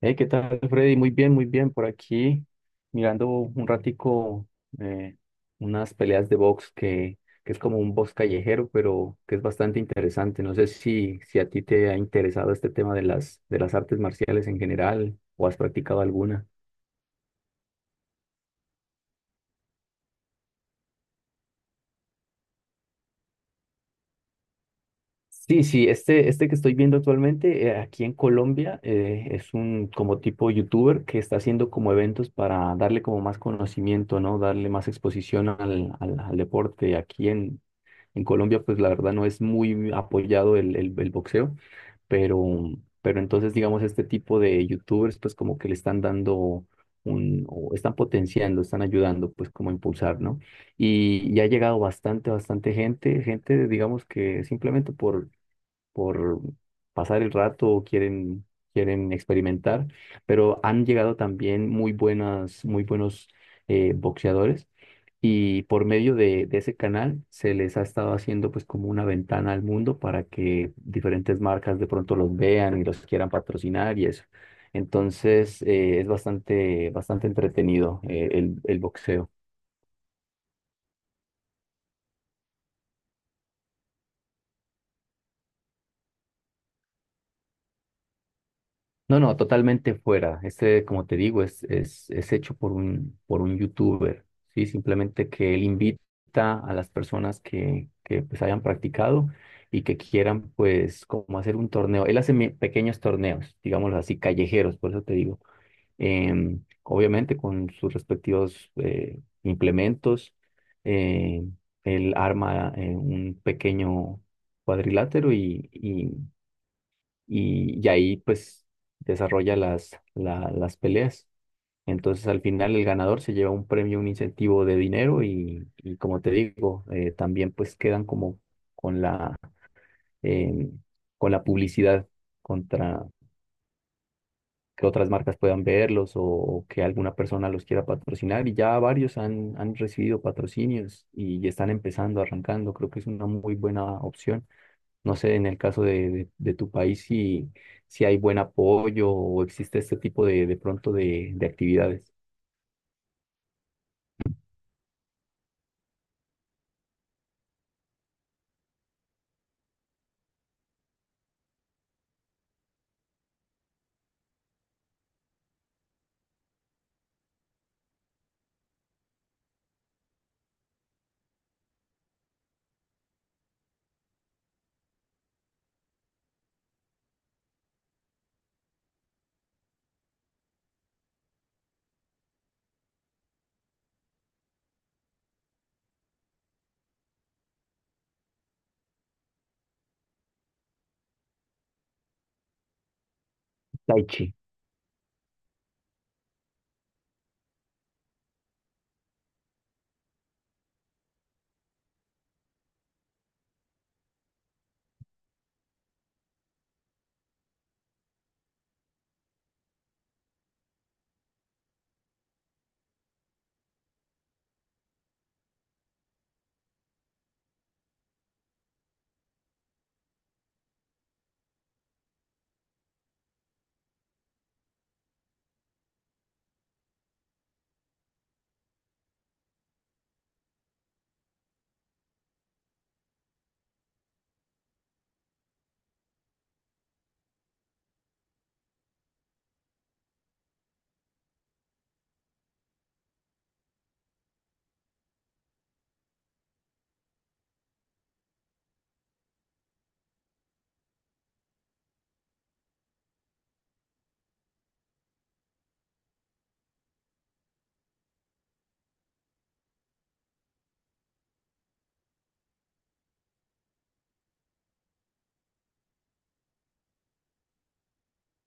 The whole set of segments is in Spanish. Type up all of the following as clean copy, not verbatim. Hey, ¿qué tal, Freddy? Muy bien, muy bien. Por aquí, mirando un ratico eh, unas peleas de box que es como un box callejero, pero que es bastante interesante. No sé si a ti te ha interesado este tema de de las artes marciales en general o has practicado alguna. Sí, sí, este que estoy viendo actualmente aquí en Colombia, es un como tipo youtuber que está haciendo como eventos para darle como más conocimiento, ¿no? Darle más exposición al deporte. En Colombia, pues la verdad no es muy apoyado el boxeo, pero, pero entonces, digamos, este tipo de youtubers, pues como que le están dando un, o están potenciando, están ayudando, pues como a impulsar, ¿no? Y ha llegado bastante, bastante gente, gente, digamos que simplemente por pasar el rato o quieren experimentar, pero han llegado también muy buenas, muy buenos boxeadores, y por medio de ese canal se les ha estado haciendo pues como una ventana al mundo para que diferentes marcas de pronto los vean y los quieran patrocinar y eso. Entonces, es bastante, bastante entretenido, el boxeo. No, no, totalmente fuera. Este, como te digo, es hecho por un youtuber, ¿sí? Simplemente que él invita a las personas que pues hayan practicado y que quieran pues como hacer un torneo. Él hace pequeños torneos, digámoslo así, callejeros, por eso te digo. Obviamente con sus respectivos implementos. eh, Él arma, un pequeño cuadrilátero y ahí pues desarrolla las peleas. Entonces al final el ganador se lleva un premio, un incentivo de dinero y como te digo, también pues quedan como con la, eh, con la publicidad contra que otras marcas puedan verlos o que alguna persona los quiera patrocinar, y ya varios han, han recibido patrocinios y están empezando, arrancando. Creo que es una muy buena opción. No sé, en el caso de tu país, si, si hay buen apoyo o existe este tipo de pronto de actividades. Tai chi.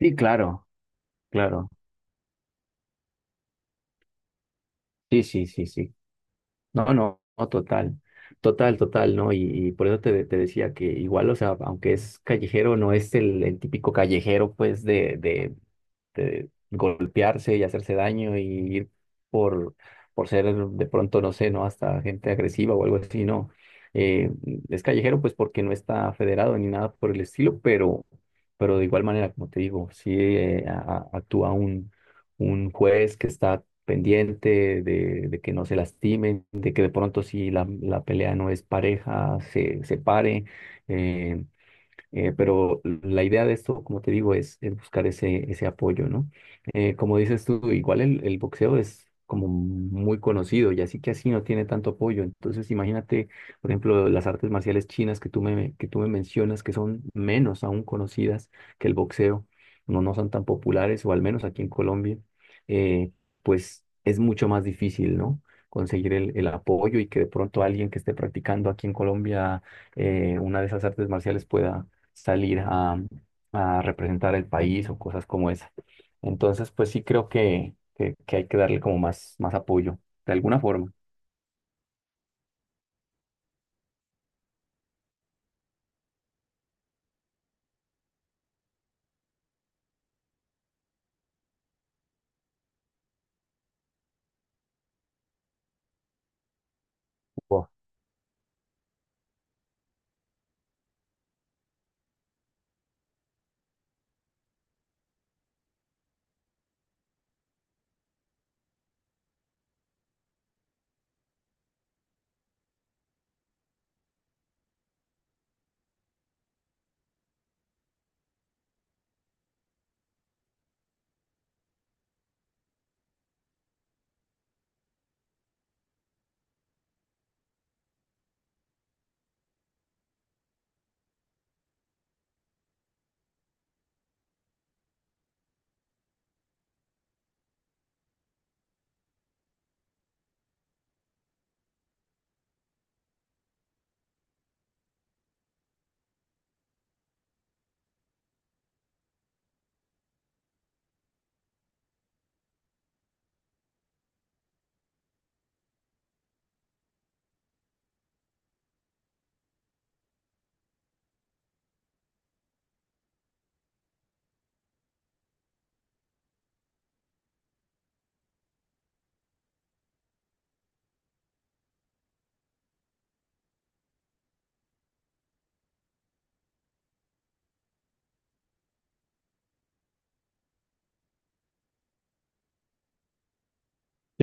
Sí, claro, claro. Sí, sí, sí, sí. No, no, no, total, total, total, ¿no? Y por eso te decía que igual, o sea, aunque es callejero, no es el típico callejero, pues, de golpearse y hacerse daño y por, por ser de pronto, no sé, ¿no? Hasta gente agresiva o algo así, ¿no? Eh, es callejero, pues, porque no está federado ni nada por el estilo, pero de igual manera, como te digo, sí, actúa un juez que está pendiente de que no se lastimen, de que de pronto si la pelea no es pareja, se separe. eh, pero la idea de esto, como te digo, es buscar ese, ese apoyo, ¿no? Como dices tú, igual el boxeo es como muy conocido y así que así no tiene tanto apoyo. Entonces, imagínate, por ejemplo, las artes marciales chinas que tú me mencionas, que son menos aún conocidas que el boxeo. No, no son tan populares, o al menos aquí en Colombia. eh, pues es mucho más difícil, ¿no?, conseguir el apoyo y que de pronto alguien que esté practicando aquí en Colombia, una de esas artes marciales, pueda salir a representar el país o cosas como esa. Entonces, pues sí creo que hay que darle como más, más apoyo, de alguna forma. Wow.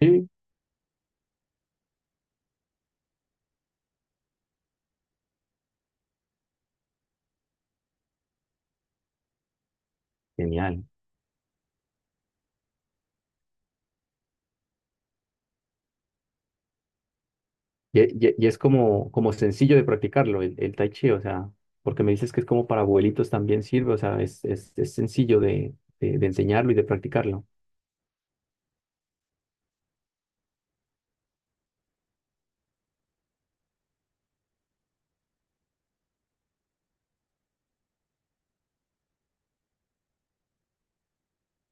Sí. Genial. Y es como, como sencillo de practicarlo, el tai chi, o sea, porque me dices que es como para abuelitos también sirve, o sea, es sencillo de enseñarlo y de practicarlo.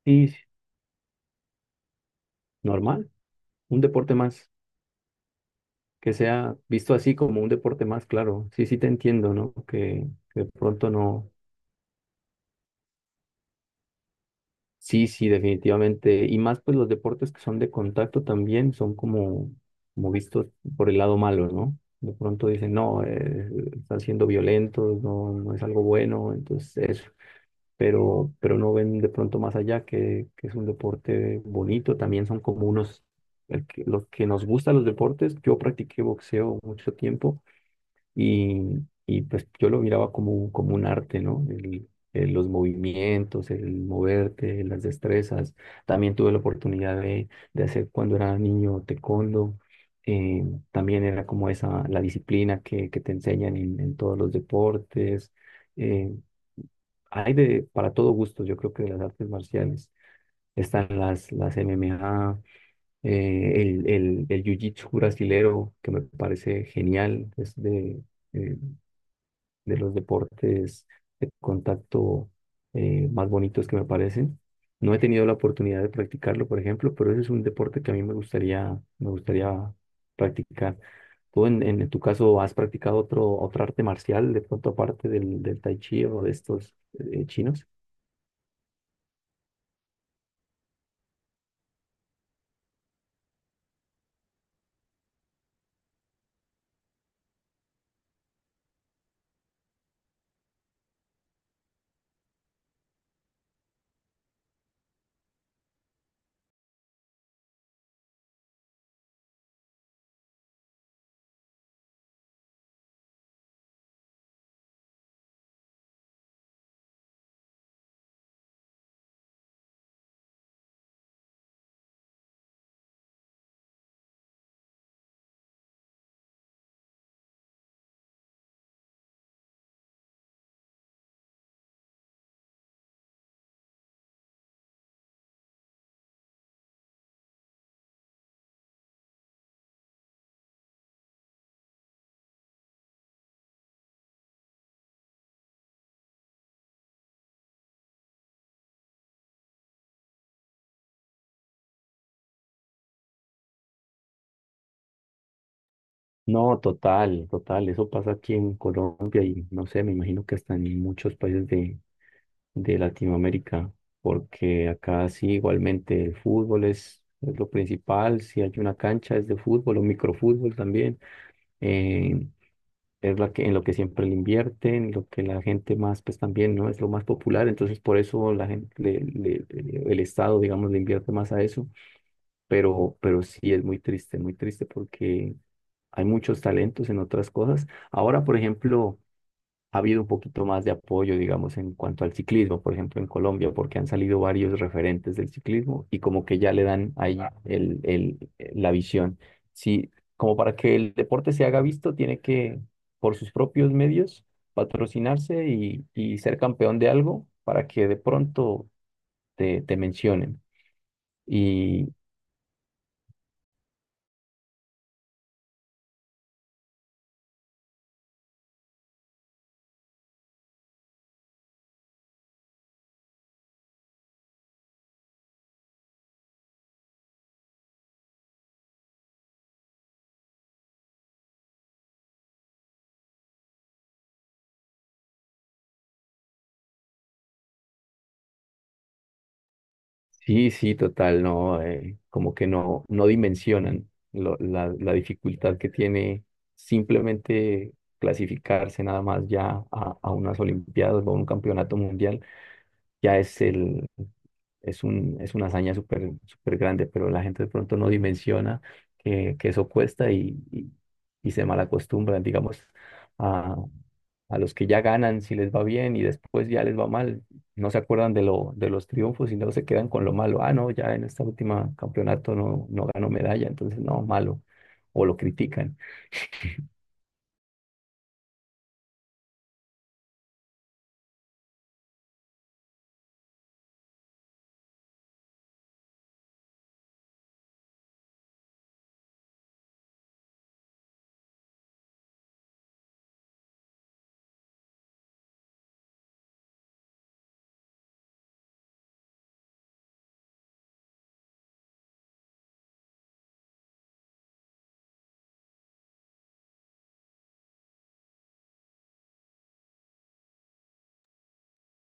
Sí, sí, normal, un deporte más, que sea visto así como un deporte más, claro. Sí, sí, te entiendo, ¿no? Que de pronto no. Sí, sí, definitivamente. Y más pues los deportes que son de contacto también son como, como vistos por el lado malo, ¿no? De pronto dicen, no, están siendo violentos, no, no es algo bueno, entonces eso. Pero no ven de pronto más allá que es un deporte bonito. También son como unos, los que nos gustan los deportes. Yo practiqué boxeo mucho tiempo y, y pues yo lo miraba como, como un arte, ¿no? Los movimientos, el moverte, las destrezas. También tuve la oportunidad de hacer cuando era niño taekwondo. Eh, También era como esa, la disciplina que te enseñan en todos los deportes. Eh, Hay de, para todo gusto, yo creo que, de las artes marciales. Están las MMA, el jiu-jitsu brasilero, que me parece genial. Es eh, de los deportes de contacto, más bonitos que me parecen. No he tenido la oportunidad de practicarlo, por ejemplo, pero ese es un deporte que a mí me gustaría practicar. ¿Tú en tu caso has practicado otro, otra arte marcial de pronto aparte del tai chi o de estos, chinos? No, total, total. Eso pasa aquí en Colombia y no sé, me imagino que hasta en muchos países de Latinoamérica, porque acá sí igualmente el fútbol es lo principal. Si hay una cancha es de fútbol o microfútbol también. eh, es la que, en lo que siempre le invierten, lo que la gente más, pues también, ¿no? Es lo más popular, entonces por eso la gente, el Estado, digamos, le invierte más a eso, pero sí es muy triste, muy triste, porque hay muchos talentos en otras cosas. Ahora, por ejemplo, ha habido un poquito más de apoyo, digamos, en cuanto al ciclismo, por ejemplo, en Colombia, porque han salido varios referentes del ciclismo y como que ya le dan ahí la visión. Sí, como para que el deporte se haga visto, tiene que, por sus propios medios, patrocinarse y ser campeón de algo para que de pronto te, te mencionen. Sí, sí, total, no, como que no, no dimensionan la dificultad que tiene simplemente clasificarse nada más ya a unas Olimpiadas o a un campeonato mundial. Ya es es un, es una hazaña súper, súper grande, pero la gente de pronto no dimensiona que eso cuesta y se malacostumbran, digamos, a, a los que ya ganan si les va bien y después ya les va mal, no se acuerdan de los triunfos y no se quedan con lo malo. Ah, no, ya en esta última campeonato no, no ganó medalla, entonces no, malo. O lo critican.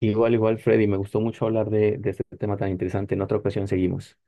Igual, igual, Freddy, me gustó mucho hablar de este tema tan interesante. En otra ocasión seguimos.